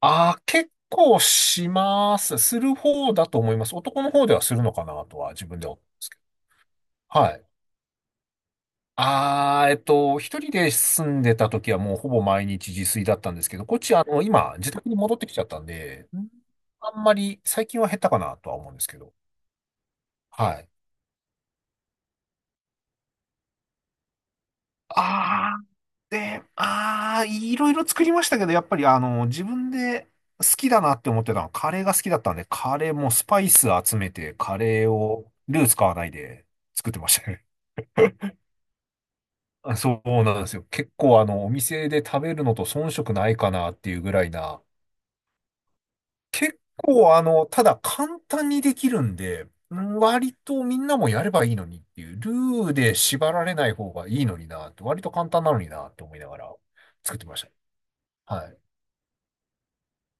ああ、結構します。する方だと思います。男の方ではするのかなとは自分では思うんですけど。はい。ああ、一人で住んでた時はもうほぼ毎日自炊だったんですけど、こっち今、自宅に戻ってきちゃったんで、あんまり最近は減ったかなとは思うんですけど。はい。あで、ああ、いろいろ作りましたけど、やっぱり自分で好きだなって思ってたのは、カレーが好きだったんで、カレーもスパイス集めて、カレーをルー使わないで作ってましたね。あ、そうなんですよ。結構お店で食べるのと遜色ないかなっていうぐらいな、結構ただ簡単にできるんで、うん、割とみんなもやればいいのにっていう、ルーで縛られない方がいいのになって、割と簡単なのになって思いながら作ってました。はい。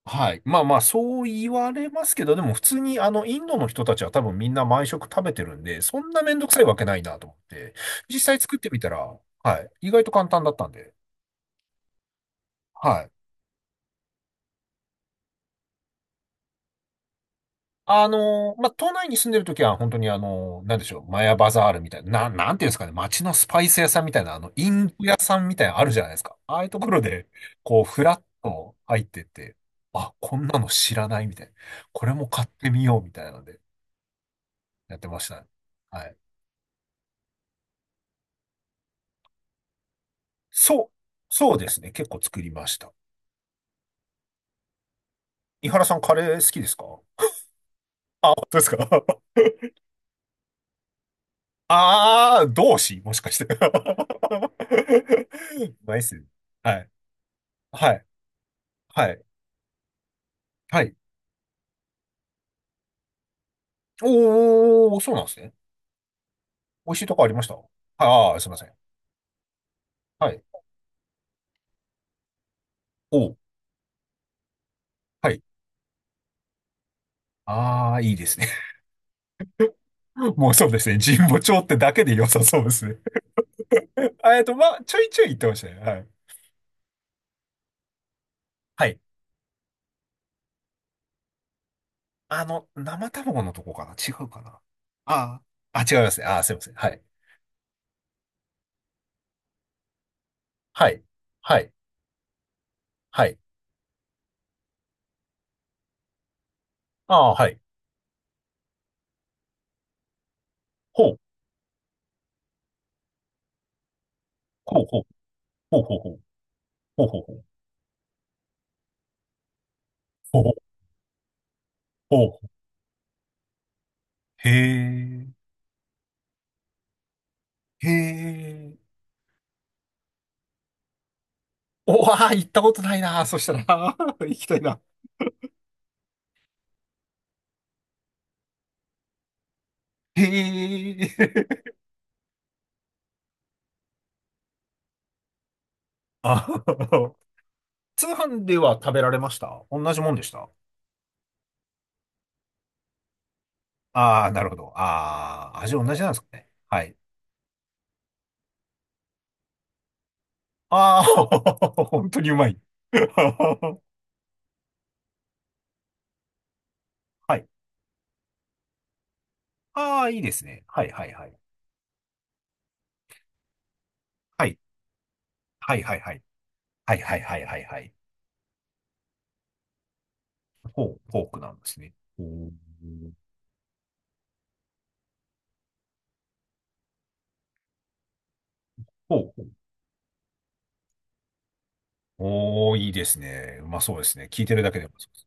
はい。まあまあ、そう言われますけど、でも普通にインドの人たちは多分みんな毎食食べてるんで、そんなめんどくさいわけないなと思って、実際作ってみたら、はい。意外と簡単だったんで、はい。まあ、都内に住んでるときは本当になんでしょう、マヤバザールみたいな、なんていうんですかね、街のスパイス屋さんみたいな、インド屋さんみたいなのあるじゃないですか。ああいうところで、こう、フラッと入ってって、あ、こんなの知らないみたいな。これも買ってみようみたいなので、やってましたね。はい。そう、そうですね。結構作りました。井原さん、カレー好きですか？あ、本当ですか？ ああ、同志もしかして。うまいっすね。はい。はい。はい。はい。おー、そうなんですね。美味しいとこありました？ああー、すいません。はい。おー。はい。ああ、いいですね。もうそうですね。神保町ってだけで良さそうですね。まあ、ちょいちょい言ってましたね。はい。はい。生卵のとこかな、違うかな？ああー。あ、違いますね。ああ、すいません。はい。はい。はい。はい。ああ、はい。ほう。ほうほう。ほうほうほう。ほうほうほう。ほうほうほうほう。へえ。へえ。おわあ、行ったことないな。そしたら、あー、行きたいな。へえ。あー、通販では食べられました？同じもんでした？ああー、なるほど。ああ、味同じなんですかね。はい。ああ、本当にうまい。はい。ああ、いいですね。はいはいはい。はい。はいはいはい。はいはいはいはいはい。ポークなんですね。おー、ポーク。おー、いいですね。うまそうですね。聞いてるだけでもそうです。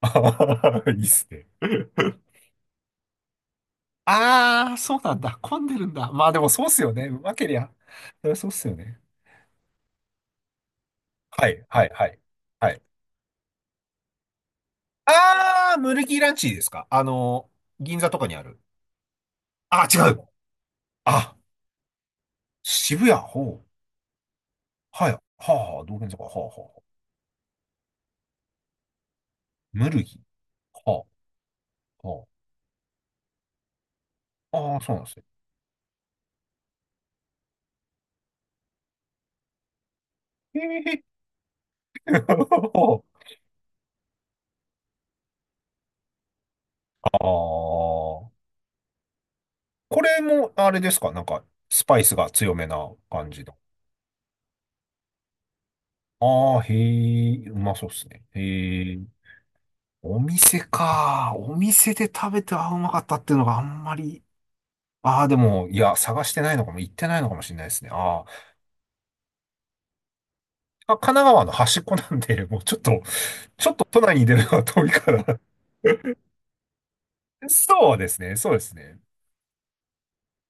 あー いいっすね。ああ、そうなんだ。混んでるんだ。まあでもそうっすよね。うまけりゃ。そりゃそうっすよね。はい、はい、はい。はい。ああ、ムルギーランチですか？銀座とかにある。あー、違う。あ、渋谷。ほう。はい。はあ、はあ、道玄坂。はあ、はあ。はあ。ムルギー。はあ、はあ。ああ、そうなんですね。へえ ああ。これも、あれですか？なんか、スパイスが強めな感じの。ああ、へえ、うまそうっすね。へえ、お店か。お店で食べて、うまかったっていうのがあんまり。ああ、でも、いや、探してないのかも、行ってないのかもしれないですね。あーあ、神奈川の端っこなんで、もうちょっと、ちょっと都内に出るのは遠いから。そうですね、そうですね。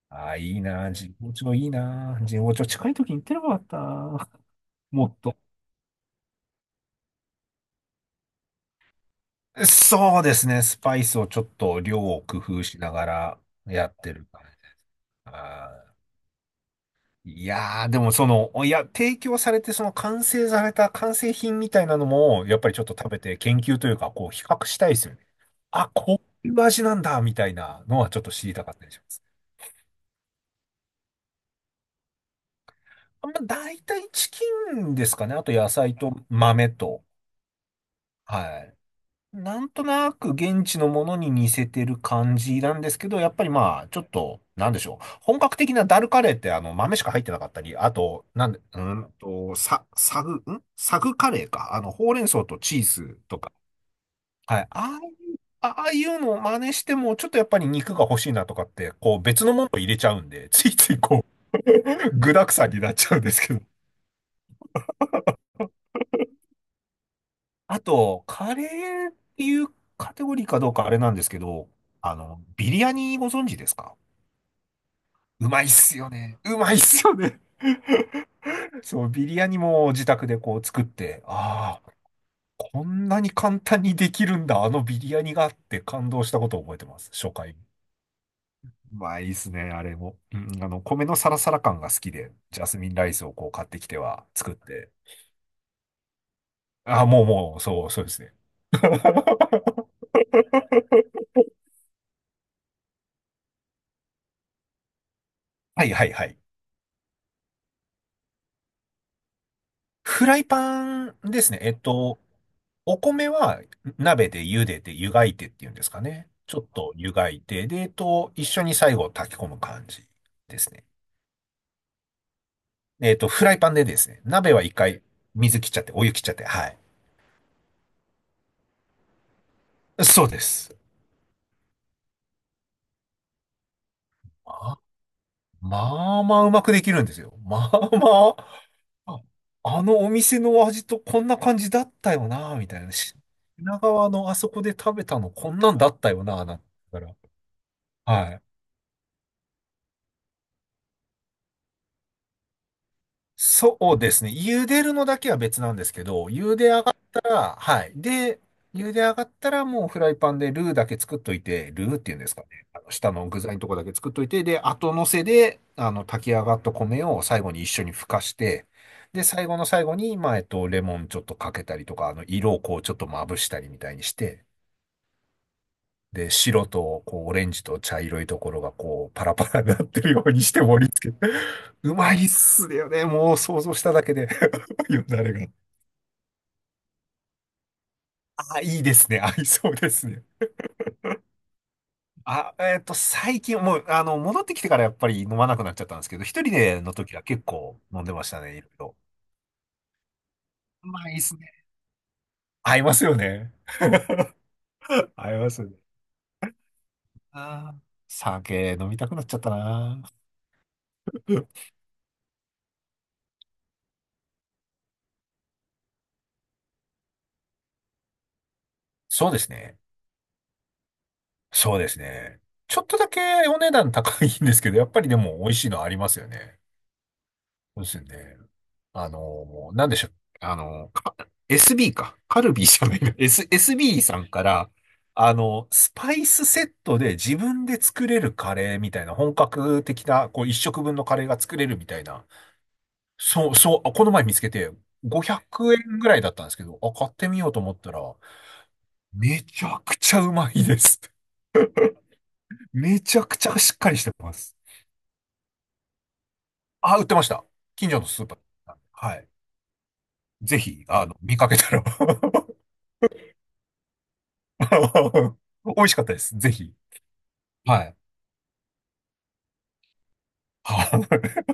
ああ、いいな。神保町いいな。神保町近い時に行ってればよかったな。もっと。そうですね。スパイスをちょっと量を工夫しながらやってる感じ。あー、いやー、でもいや、提供されて、その完成された完成品みたいなのも、やっぱりちょっと食べて研究というか、こう、比較したいですよね。あ、こういう味なんだ、みたいなのはちょっと知りたかったりします。まあ、大体チキンですかね。あと野菜と豆と、はい。なんとなく現地のものに似せてる感じなんですけど、やっぱりまあ、ちょっと、なんでしょう。本格的なダルカレーって豆しか入ってなかったり、あと、なんで、うーんと、さ、サグ、んサグカレーか。ほうれん草とチーズとか。はい。ああ、ああいうのを真似しても、ちょっとやっぱり肉が欲しいなとかって、こう別のものを入れちゃうんで、ついついこう、具沢山になっちゃうんですけど。あと、カレーっていうカテゴリーかどうかあれなんですけど、ビリヤニご存知ですか？うまいっすよね。うまいっすよね。そう、ビリヤニも自宅でこう作って、ああ、こんなに簡単にできるんだ、あのビリヤニがあって感動したことを覚えてます、初回。うまいっすね、あれも。うん、米のサラサラ感が好きで、ジャスミンライスをこう買ってきては作って。ああ、もうもう、そう、そうですね。はいはいはい。フライパンですね。お米は鍋で茹でて湯がいてっていうんですかね。ちょっと湯がいて、で、一緒に最後炊き込む感じですね。フライパンでですね。鍋は一回水切っちゃって、お湯切っちゃって、はい。そうです。まあ、まあまあうまくできるんですよ。まあまあ、ああのお店の味とこんな感じだったよな、みたいな。品川のあそこで食べたのこんなんだったよな、なんて言ったら。はい。そうですね。茹でるのだけは別なんですけど、茹で上がったら、はい。で、茹で上がったらもうフライパンでルーだけ作っといて、ルーっていうんですかね。あの下の具材のとこだけ作っといて、で、後乗せで、炊き上がった米を最後に一緒にふかして、で、最後の最後に、まあ、レモンちょっとかけたりとか、色をこうちょっとまぶしたりみたいにして、で、白と、こう、オレンジと茶色いところが、こう、パラパラになってるようにして盛り付け。うまいっすよね。もう想像しただけで よだれが。あ、いいですね。合いそうですね。あ、最近、もう、戻ってきてからやっぱり飲まなくなっちゃったんですけど、一人での時は結構飲んでましたね、いろいろ。うまいっすね。合いますよね。合いますね。あー、酒飲みたくなっちゃったな。そうですね。そうですね。ちょっとだけお値段高いんですけど、やっぱりでも美味しいのありますよね。そうですよね。なんでしょう。あの、か SB か。カルビーじゃないな。SB さんから、スパイスセットで自分で作れるカレーみたいな、本格的な、こう、一食分のカレーが作れるみたいな。そう、そう、この前見つけて、500円ぐらいだったんですけど、あ、買ってみようと思ったら、めちゃくちゃうまいです。めちゃくちゃしっかりしてます。あ、売ってました。近所のスーパーなんで。はい。ぜひ、見かけたら あ美味しかったです。ぜひ。はい。は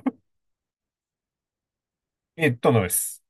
い。のです。